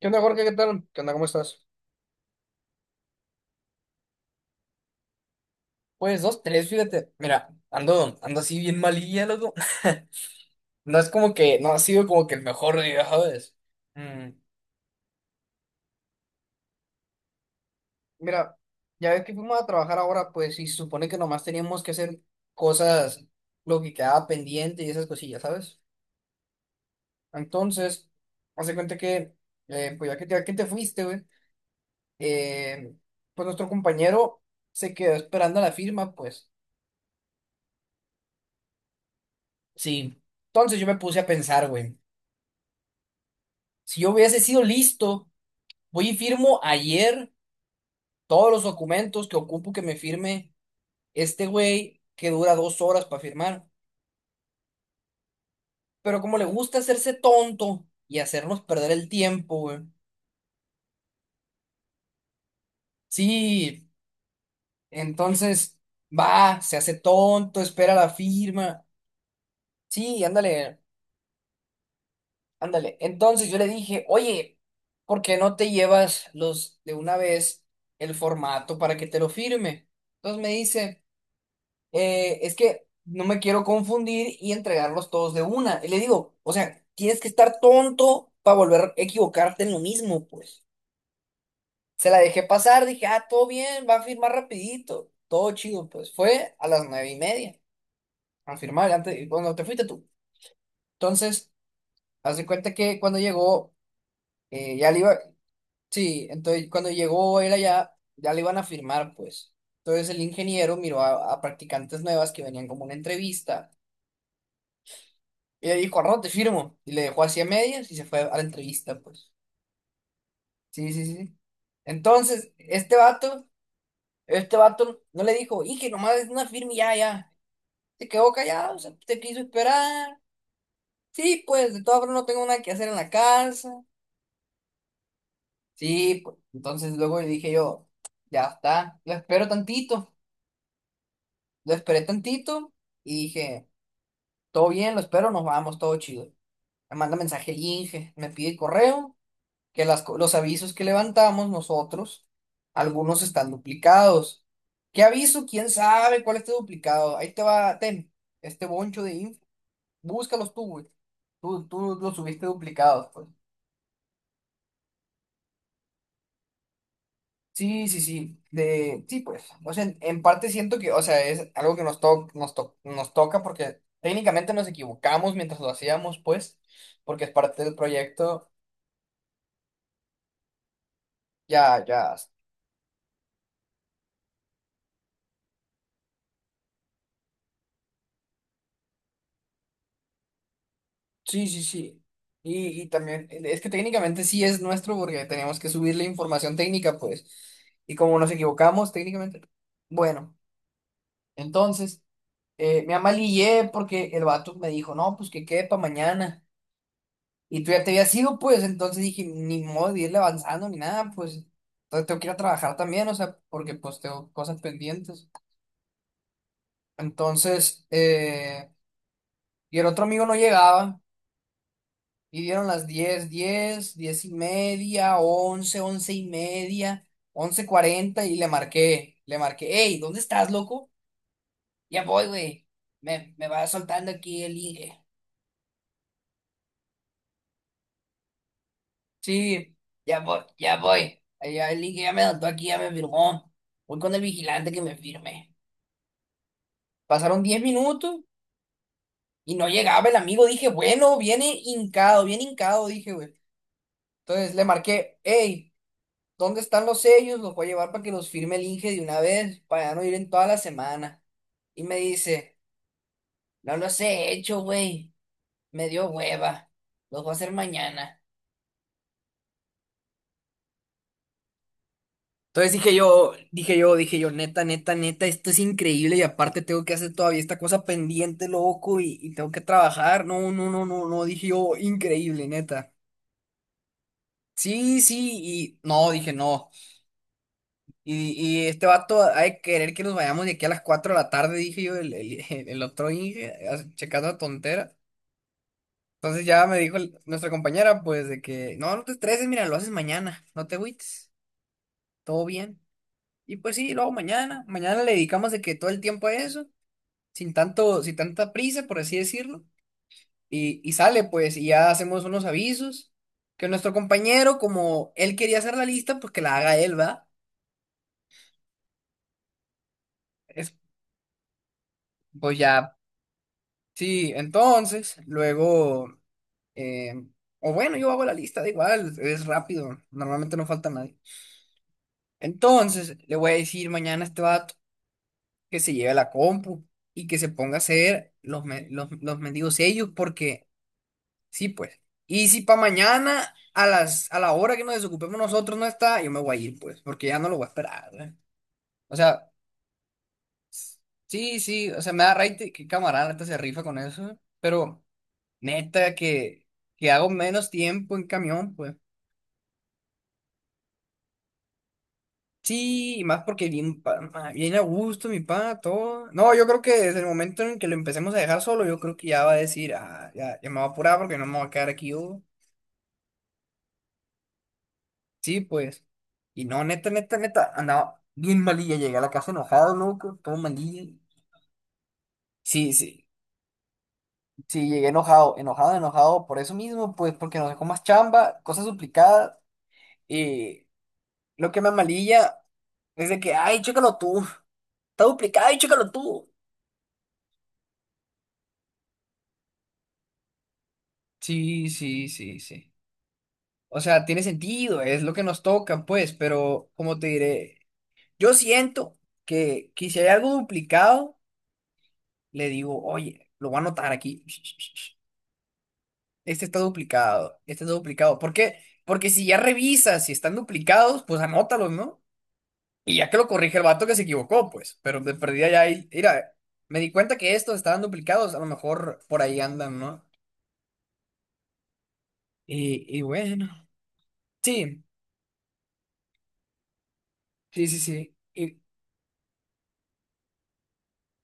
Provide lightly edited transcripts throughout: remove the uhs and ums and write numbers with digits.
¿Qué onda, Jorge? ¿Qué tal? ¿Qué onda? ¿Cómo estás? Pues dos, tres, fíjate. Mira, ando así bien malilla, loco. No ha sido como que el mejor día, ¿sabes? Mm, Mira, ya ves que fuimos a trabajar ahora, pues, y se supone que nomás teníamos que hacer cosas, lo que quedaba pendiente y esas cosillas, ¿sabes? Entonces, hace cuenta que, pues, ya que te fuiste, güey, eh, pues nuestro compañero se quedó esperando la firma, pues. Sí. Entonces yo me puse a pensar, güey. Si yo hubiese sido listo, voy y firmo ayer todos los documentos que ocupo que me firme este güey que dura 2 horas para firmar. Pero como le gusta hacerse tonto y hacernos perder el tiempo, güey. Sí, entonces va, se hace tonto, espera la firma. Sí, ándale, ándale. Entonces yo le dije, oye, ¿por qué no te llevas los de una vez el formato para que te lo firme? Entonces me dice, es que no me quiero confundir y entregarlos todos de una. Y le digo, o sea, tienes que estar tonto para volver a equivocarte en lo mismo, pues. Se la dejé pasar, dije, ah, todo bien, va a firmar rapidito, todo chido, pues. Fue a las 9:30 a firmar, antes, cuando te fuiste tú. Entonces, hace cuenta que cuando llegó, ya le iba. Sí, entonces cuando llegó él allá, ya le iban a firmar, pues. Entonces el ingeniero miró a practicantes nuevas que venían como una entrevista. Y le dijo, al rato te firmo. Y le dejó así a medias y se fue a la entrevista, pues. Sí, sí, sí, sí. Entonces, este vato no le dijo, y que nomás es una firma y ya, ya. Se quedó callado, o sea, te quiso esperar. Sí, pues, de todas formas no tengo nada que hacer en la casa. Sí, pues. Entonces luego le dije yo, ya está, lo espero tantito. Lo esperé tantito y dije, todo bien, lo espero, nos vamos, todo chido. Me manda mensaje el Inge, me pide el correo, que los avisos que levantamos nosotros, algunos están duplicados. ¿Qué aviso? ¿Quién sabe cuál está duplicado? Ahí te va, ten, este boncho de info. Búscalos tú, güey. Tú los subiste duplicados, pues. Sí, sí, sí. Sí, pues. O sea, en parte siento que, o sea, es algo que nos toca porque técnicamente nos equivocamos mientras lo hacíamos, pues, porque es parte del proyecto. Ya, ya. Sí, sí, sí. Y también, es que técnicamente sí es nuestro porque teníamos que subir la información técnica, pues. Y como nos equivocamos técnicamente. Bueno, entonces, me amalillé porque el vato me dijo, no, pues que quede para mañana. Y tú ya te habías ido, pues. Entonces dije, ni modo de irle avanzando ni nada, pues. Entonces tengo que ir a trabajar también, o sea, porque pues tengo cosas pendientes. Entonces, y el otro amigo no llegaba. Y dieron las diez, 10:30, once, 11:30, 11:40 y le marqué, hey, ¿dónde estás, loco? Ya voy, güey. Me va soltando aquí el ligue. Sí, ya voy, ya voy. Ahí ya, el ligue ya me soltó aquí, ya me firmó. Voy con el vigilante que me firme. Pasaron 10 minutos y no llegaba el amigo. Dije, bueno, viene hincado, dije, güey. Entonces le marqué, hey. ¿Dónde están los sellos? Los voy a llevar para que los firme el Inge de una vez, para ya no ir en toda la semana. Y me dice, no los he hecho, güey. Me dio hueva. Los voy a hacer mañana. Entonces dije yo, dije yo, dije yo, neta, neta, neta, esto es increíble y aparte tengo que hacer todavía esta cosa pendiente, loco, y tengo que trabajar. No, no, no, no, no, dije yo, increíble, neta. Sí, sí, y no, dije no. Y, y este vato ha de querer que nos vayamos de aquí a las 4 de la tarde, dije yo, el otro Inge, checando a tontera. Entonces ya me dijo nuestra compañera, pues, de que, no, no te estreses, mira, lo haces mañana, no te agüites, todo bien. Y pues sí, luego mañana le dedicamos de que todo el tiempo a eso, sin tanta prisa, por así decirlo. Y sale, pues, y ya hacemos unos avisos, que nuestro compañero, como él quería hacer la lista, pues que la haga él, ¿va? Es, pues ya. Sí, entonces, luego, eh, o bueno, yo hago la lista, da igual, es rápido, normalmente no falta nadie. Entonces, le voy a decir mañana a este vato que se lleve la compu y que se ponga a hacer los mendigos sellos, porque sí, pues. Y si para mañana, a la hora que nos desocupemos nosotros no está, yo me voy a ir, pues, porque ya no lo voy a esperar, ¿eh? O sea, sí, sí, o sea, me da raite que camarada, neta se rifa con eso, pero. Neta, que hago menos tiempo en camión, pues. Sí, y más porque bien, bien a gusto, mi pa, todo. No, yo creo que desde el momento en que lo empecemos a dejar solo, yo creo que ya va a decir, ah, ya, ya me voy a apurar porque no me voy a quedar aquí yo. Sí, pues. Y no, neta, neta, neta, andaba bien malilla, llegué a la casa enojado, loco, todo malilla. Sí, sí, sí, llegué enojado, enojado, enojado, por eso mismo, pues, porque nos dejó más chamba, cosas duplicadas. Y lo que me amalilla es de que, ay, chécalo tú. Está duplicado y chécalo tú. Sí, sí, sí, sí. O sea, tiene sentido, es lo que nos toca, pues, pero como te diré, yo siento que si hay algo duplicado, le digo, oye, lo voy a anotar aquí. Este está duplicado, este está duplicado. ¿Por qué? Porque si ya revisas si están duplicados, pues anótalos, ¿no? Y ya que lo corrige el vato que se equivocó, pues, pero de perdida ya ahí, mira, me di cuenta que estos estaban duplicados, a lo mejor por ahí andan, ¿no? Y bueno, sí. Sí, sí, sí. Y,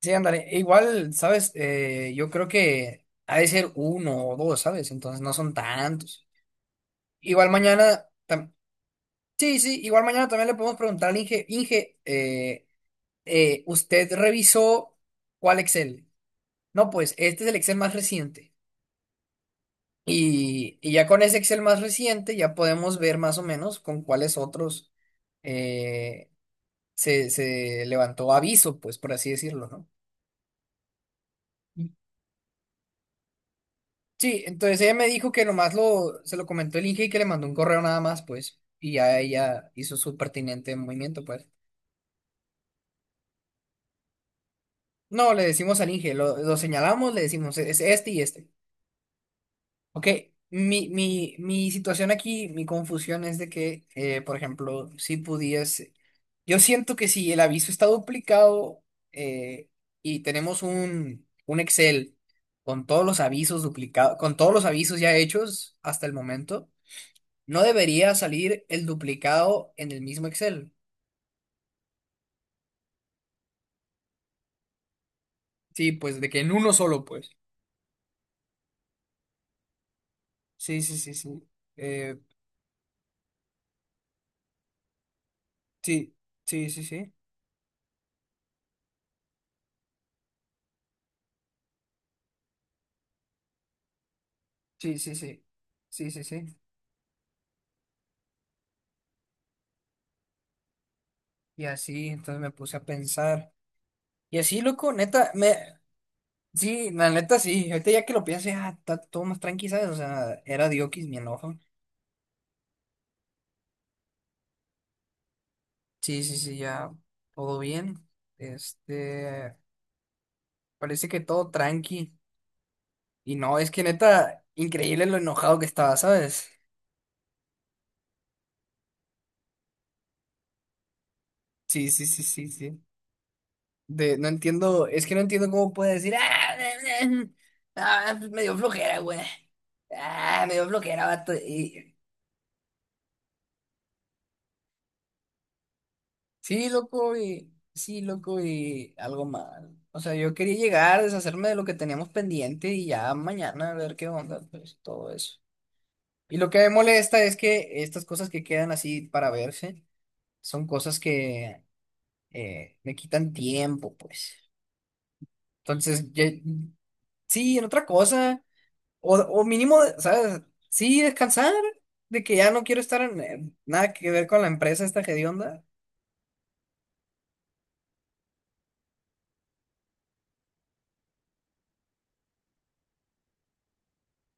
sí, ándale. E igual, ¿sabes? Yo creo que ha de ser uno o dos, ¿sabes? Entonces no son tantos. Igual mañana. Sí, sí, igual mañana también le podemos preguntar al Inge. Inge, ¿usted revisó cuál Excel? No, pues este es el Excel más reciente. Y ya con ese Excel más reciente ya podemos ver más o menos con cuáles otros eh, se levantó aviso, pues por así decirlo, ¿no? Sí, entonces ella me dijo que nomás se lo comentó el Inge y que le mandó un correo nada más, pues, y ya ella hizo su pertinente movimiento, pues. No, le decimos al Inge, lo señalamos, le decimos, es este y este. Ok, mi situación aquí, mi confusión es de que, por ejemplo, si pudiese, yo siento que si el aviso está duplicado, eh, y tenemos un Excel con todos los avisos duplicados, con todos los avisos ya hechos hasta el momento. No debería salir el duplicado en el mismo Excel. Sí, pues de que en uno solo, pues. Sí, sí, sí, sí. Eh, sí, sí, sí, sí. Sí, sí, sí. Sí, sí, sí. Y así, entonces me puse a pensar. Y así, loco, neta. Sí, la neta sí. Ahorita ya que lo pienso, ya está todo más tranqui, ¿sabes? O sea, era Diokis mi enojo. Sí, sí, sí, ya. Todo bien. Este... Parece que todo tranqui. Y no, es que neta, increíble lo enojado que estaba, ¿sabes? Sí, sí, sí, sí, sí. No entiendo, es que no entiendo cómo puede decir, ah, ah, pues me dio flojera, güey. Ah, me dio flojera, vato. Y, sí, loco, y sí, loco, y algo mal. O sea, yo quería llegar, deshacerme de lo que teníamos pendiente y ya mañana a ver qué onda, pues todo eso. Y lo que me molesta es que estas cosas que quedan así para verse son cosas que me quitan tiempo, pues. Entonces, sí, en otra cosa. O mínimo, ¿sabes? Sí, descansar, de que ya no quiero estar en nada que ver con la empresa esta hedionda.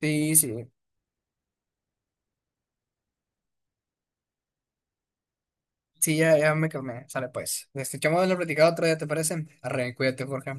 Sí, sí, sí, ya, ya me calmé. Sale pues. Chamo de lo platicado otro día, ¿te parece? Arre, cuídate, Jorge.